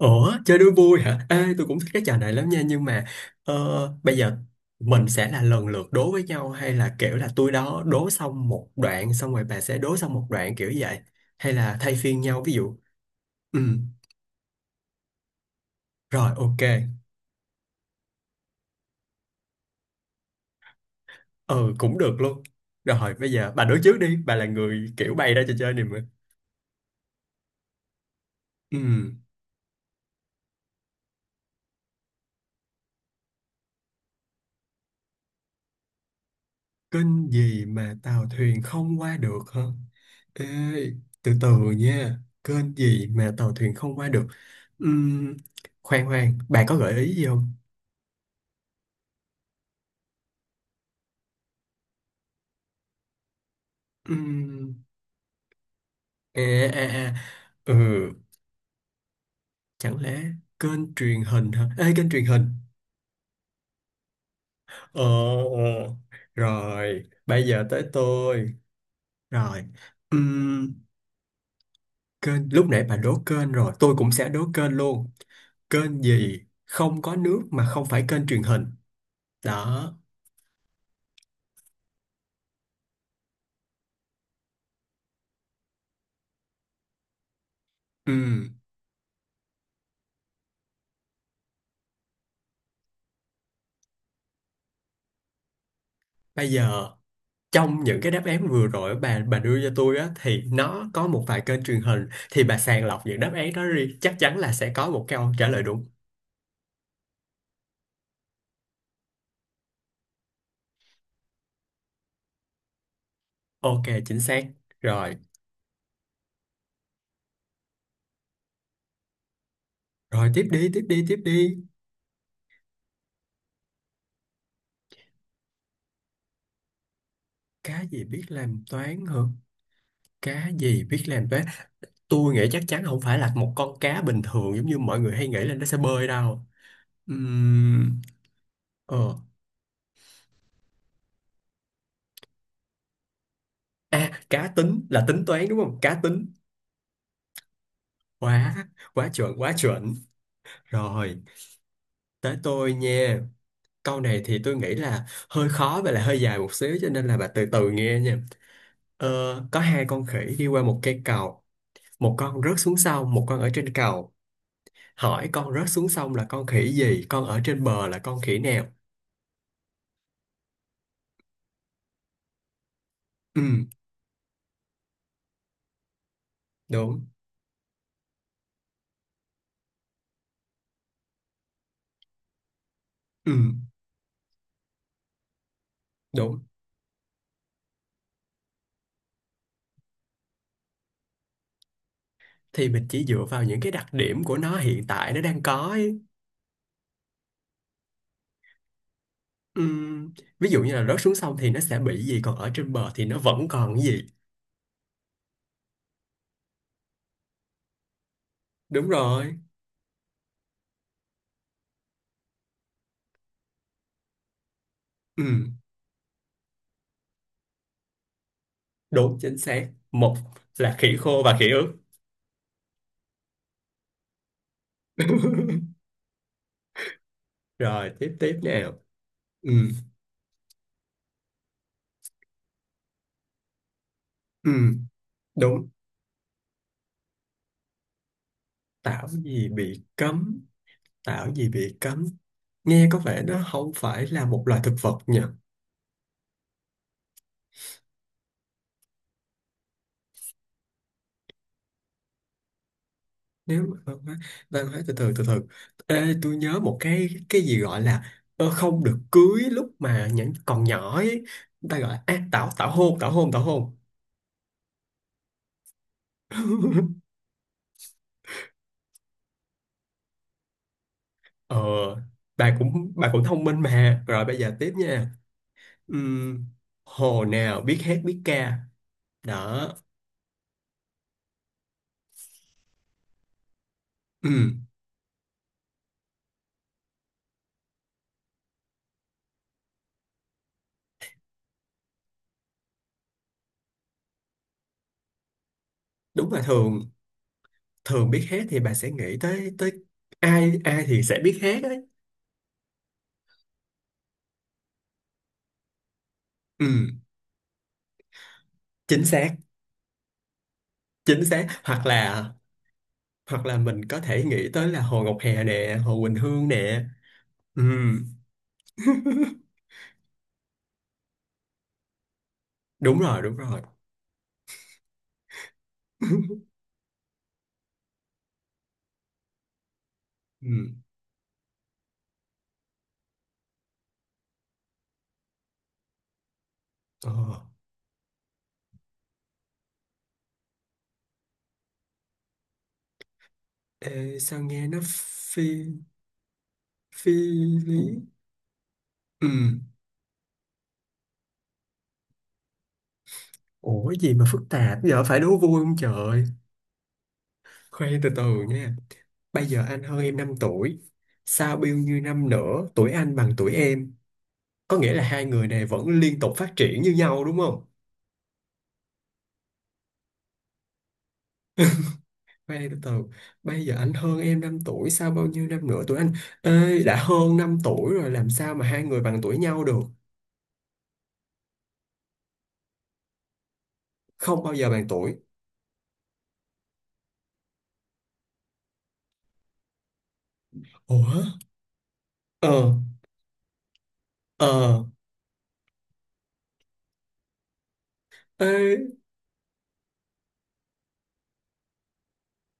Ủa, chơi đố vui hả? Ê, tôi cũng thích cái trò này lắm nha, nhưng mà ờ, bây giờ mình sẽ là lần lượt đố với nhau hay là kiểu là tôi đố xong một đoạn xong rồi bà sẽ đố xong một đoạn kiểu vậy hay là thay phiên nhau ví dụ. Ừ, rồi ok. Ừ, cũng được luôn. Rồi bây giờ bà đố trước đi, bà là người kiểu bày ra trò chơi này mà. Ừ. Kênh gì mà tàu thuyền không qua được hả? Ê, từ từ nha. Kênh gì mà tàu thuyền không qua được? Ừm, khoan khoan, bà có gợi ý gì không? Ừm, à, à, à, ừ, chẳng lẽ kênh truyền hình hả? Ê, kênh truyền hình. Ờ, ờ. Rồi, bây giờ tới tôi. Rồi, ừm, kênh, lúc nãy bà đố kênh rồi, tôi cũng sẽ đố kênh luôn. Kênh gì không có nước mà không phải kênh truyền hình? Đó. Ừ, bây giờ trong những cái đáp án vừa rồi bà đưa cho tôi á thì nó có một vài kênh truyền hình thì bà sàng lọc những đáp án đó đi chắc chắn là sẽ có một câu trả lời đúng. Ok, chính xác. Rồi, rồi, tiếp đi, tiếp đi, tiếp đi. Cá gì biết làm toán hả? Cá gì biết làm toán? Tôi nghĩ chắc chắn không phải là một con cá bình thường giống như mọi người hay nghĩ là nó sẽ bơi đâu. Ừm, ờ. À, cá tính là tính toán đúng không? Cá tính. Quá, quá chuẩn, quá chuẩn. Rồi. Tới tôi nha. Câu này thì tôi nghĩ là hơi khó và là hơi dài một xíu cho nên là bà từ từ nghe nha. Ờ, có hai con khỉ đi qua một cây cầu. Một con rớt xuống sông, một con ở trên cầu. Hỏi con rớt xuống sông là con khỉ gì, con ở trên bờ là con khỉ nào? Ừ, đúng. Ừ, đúng. Thì mình chỉ dựa vào những cái đặc điểm của nó hiện tại nó đang có ấy. Ừ, ví dụ như là rớt xuống sông thì nó sẽ bị gì, còn ở trên bờ thì nó vẫn còn cái gì. Đúng rồi. Ừ. Đúng chính xác. Một là khỉ khô và khỉ ướt. Rồi tiếp tiếp nào. Ừ. Ừ. Đúng. Tảo gì bị cấm? Tảo gì bị cấm? Nghe có vẻ nó không phải là một loài thực vật nhỉ? Nếu mà văn hóa từ từ từ từ. Ê, tôi nhớ một cái gì gọi là không được cưới lúc mà những còn nhỏ ấy. Người ta gọi là à, tảo tảo hôn tảo hôn tảo hôn. Ờ, bà cũng thông minh mà. Rồi bây giờ tiếp nha. Ừm, hồ nào biết hát biết ca đó. Ừm, đúng là thường thường biết hát thì bà sẽ nghĩ tới tới ai ai thì sẽ biết hát đấy. Ừm, chính xác chính xác, hoặc là mình có thể nghĩ tới là Hồ Ngọc Hà nè, Hồ Quỳnh Hương nè. Ừm, đúng rồi Ừm, ờ. Ê, sao nghe nó phi phi lý Ừm, ủa gì mà phức tạp giờ phải đố vui không trời. Khoan từ từ nha. Bây giờ anh hơn em 5 tuổi, sao bao nhiêu năm nữa tuổi anh bằng tuổi em? Có nghĩa là hai người này vẫn liên tục phát triển như nhau đúng không? Khoan đi, từ từ, bây giờ anh hơn em 5 tuổi, sao bao nhiêu năm nữa tuổi anh? Ê, đã hơn 5 tuổi rồi làm sao mà hai người bằng tuổi nhau được? Không bao giờ bằng tuổi. Ủa? Ờ, ờ, ê,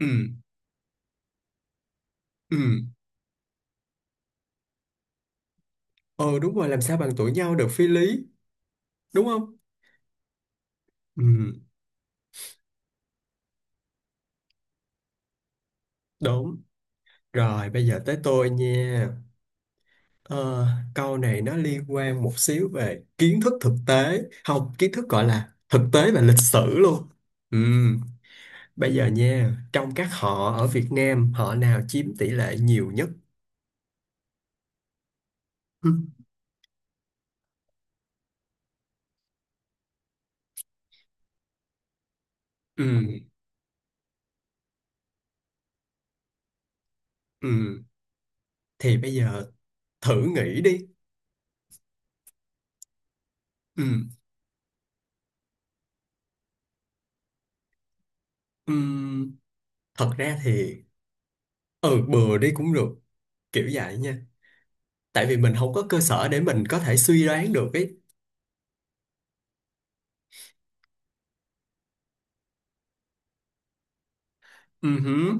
ừ, ừ, ờ đúng rồi làm sao bằng tuổi nhau được phi lý, đúng không? Ừ, đúng. Rồi, bây giờ tới tôi nha. Ờ, câu này nó liên quan một xíu về kiến thức thực tế không, kiến thức gọi là thực tế và lịch sử luôn. Ừm, bây giờ nha, trong các họ ở Việt Nam họ nào chiếm tỷ lệ nhiều nhất? Ừm, ừm, ừm. Thì bây giờ thử nghĩ đi. Ừm, ừm. Thật ra thì ừ bừa đi cũng được kiểu vậy nha, tại vì mình không có cơ sở để mình có thể suy đoán được ấy. Ừ hứ.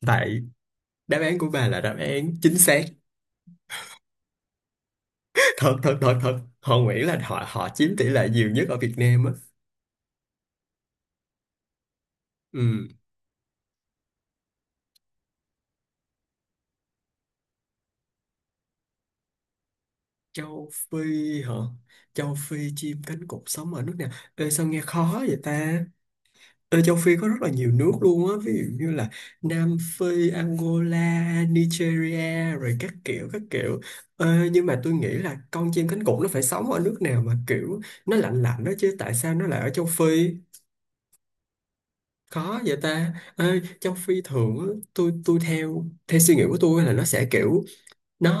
Vậy đáp án của bà là đáp án chính xác, thật thật thật thật họ nghĩ là họ họ chiếm tỷ lệ nhiều nhất ở Việt Nam á. Ừ. Châu Phi hả? Châu Phi chim cánh cụt sống ở nước nào? Ê, sao nghe khó vậy ta. Ê, Châu Phi có rất là nhiều nước luôn á, ví dụ như là Nam Phi, Angola, Nigeria rồi các kiểu các kiểu. Ê, nhưng mà tôi nghĩ là con chim cánh cụt nó phải sống ở nước nào mà kiểu nó lạnh lạnh đó chứ, tại sao nó lại ở Châu Phi, khó vậy ta. Ê, Châu Phi thường á, tôi theo theo suy nghĩ của tôi là nó sẽ kiểu nó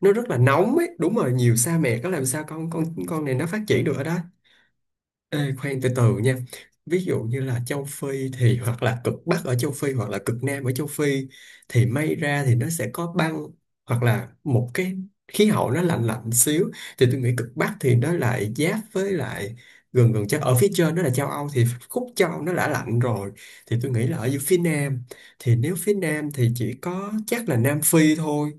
nó rất là nóng ấy, đúng rồi nhiều sa mạc, có làm sao con này nó phát triển được ở đó. Ê, khoan từ từ nha. Ví dụ như là châu Phi thì hoặc là cực Bắc ở châu Phi hoặc là cực Nam ở châu Phi, thì may ra thì nó sẽ có băng hoặc là một cái khí hậu nó lạnh lạnh xíu, thì tôi nghĩ cực Bắc thì nó lại giáp với lại gần gần chắc ở phía trên nó là châu Âu, thì khúc châu Âu nó đã lạnh rồi, thì tôi nghĩ là ở dưới phía Nam, thì nếu phía Nam thì chỉ có chắc là Nam Phi thôi.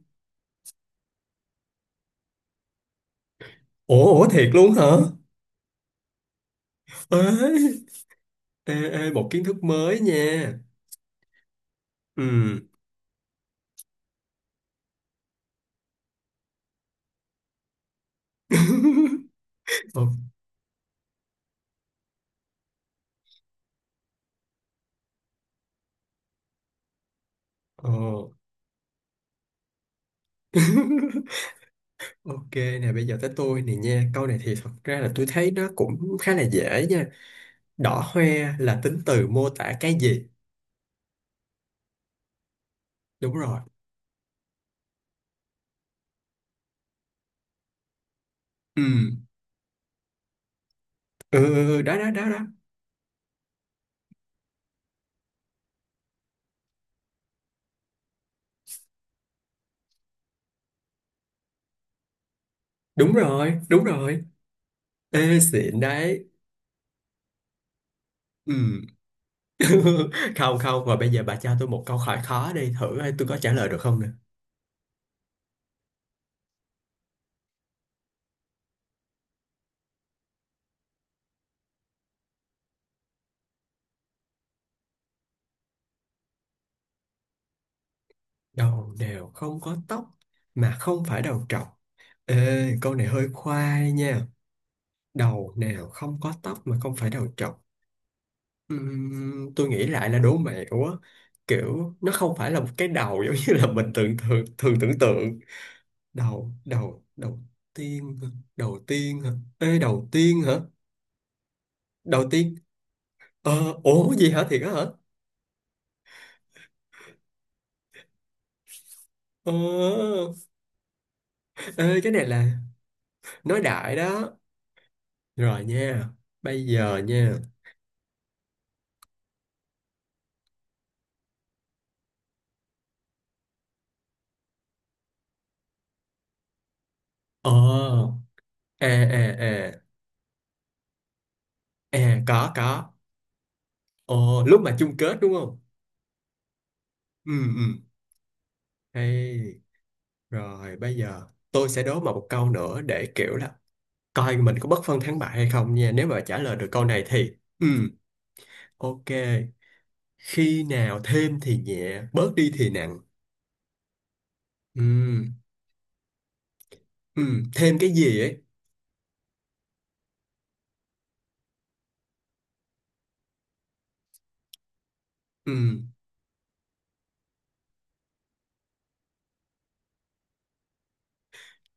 Ủa, thiệt luôn hả? Ê, ê, một kiến thức mới nha. Ừ. Ồ, ồ. Ok nè, bây giờ tới tôi nè nha. Câu này thì thật ra là tôi thấy nó cũng khá là dễ nha. Đỏ hoe là tính từ mô tả cái gì? Đúng rồi. Ừ. Ừ, ừ, ừ, đó, đó, đó, đó. Đúng rồi, đúng rồi. Ê, xịn đấy. Ừ. Không, không, và bây giờ bà cho tôi một câu hỏi khó đi thử coi tôi có trả lời được không nè. Đầu đều không có tóc mà không phải đầu trọc, ê câu này hơi khoai nha, đầu nào không có tóc mà không phải đầu trọc? Tôi nghĩ lại là đố mẹo á, kiểu nó không phải là một cái đầu giống như là mình tưởng, thường thường tưởng tượng. Đầu đầu đầu tiên hả? Đầu tiên hả, ê đầu tiên hả, đầu tiên. Ủa gì hả, thiệt á hả? ờ Ê, cái này là nói đại đó. Rồi nha, bây giờ nha, ờ à à à à, có, ồ lúc mà chung kết đúng không? Ừ, ừ, hay. Rồi bây giờ tôi sẽ đố mà một câu nữa để kiểu là coi mình có bất phân thắng bại hay không nha, nếu mà trả lời được câu này thì ừ ok. Khi nào thêm thì nhẹ bớt đi thì nặng? Ừ, ừ, thêm cái gì ấy, ừ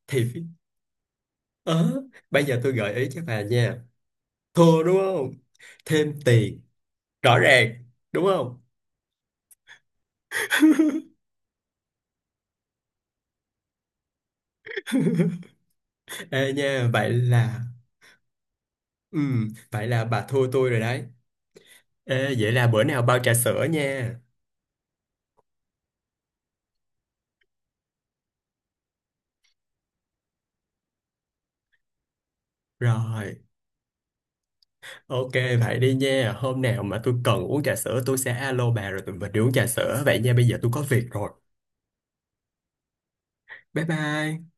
thì ờ bây giờ tôi gợi ý cho bà nha, thua đúng không, thêm tiền rõ ràng đúng không? Ê nha, vậy là bà thua tôi rồi đấy. Ê, vậy là bữa nào bao trà sữa nha. Rồi, ok vậy đi nha. Hôm nào mà tôi cần uống trà sữa tôi sẽ alo bà rồi tụi mình đi uống trà sữa. Vậy nha, bây giờ tôi có việc rồi. Bye bye.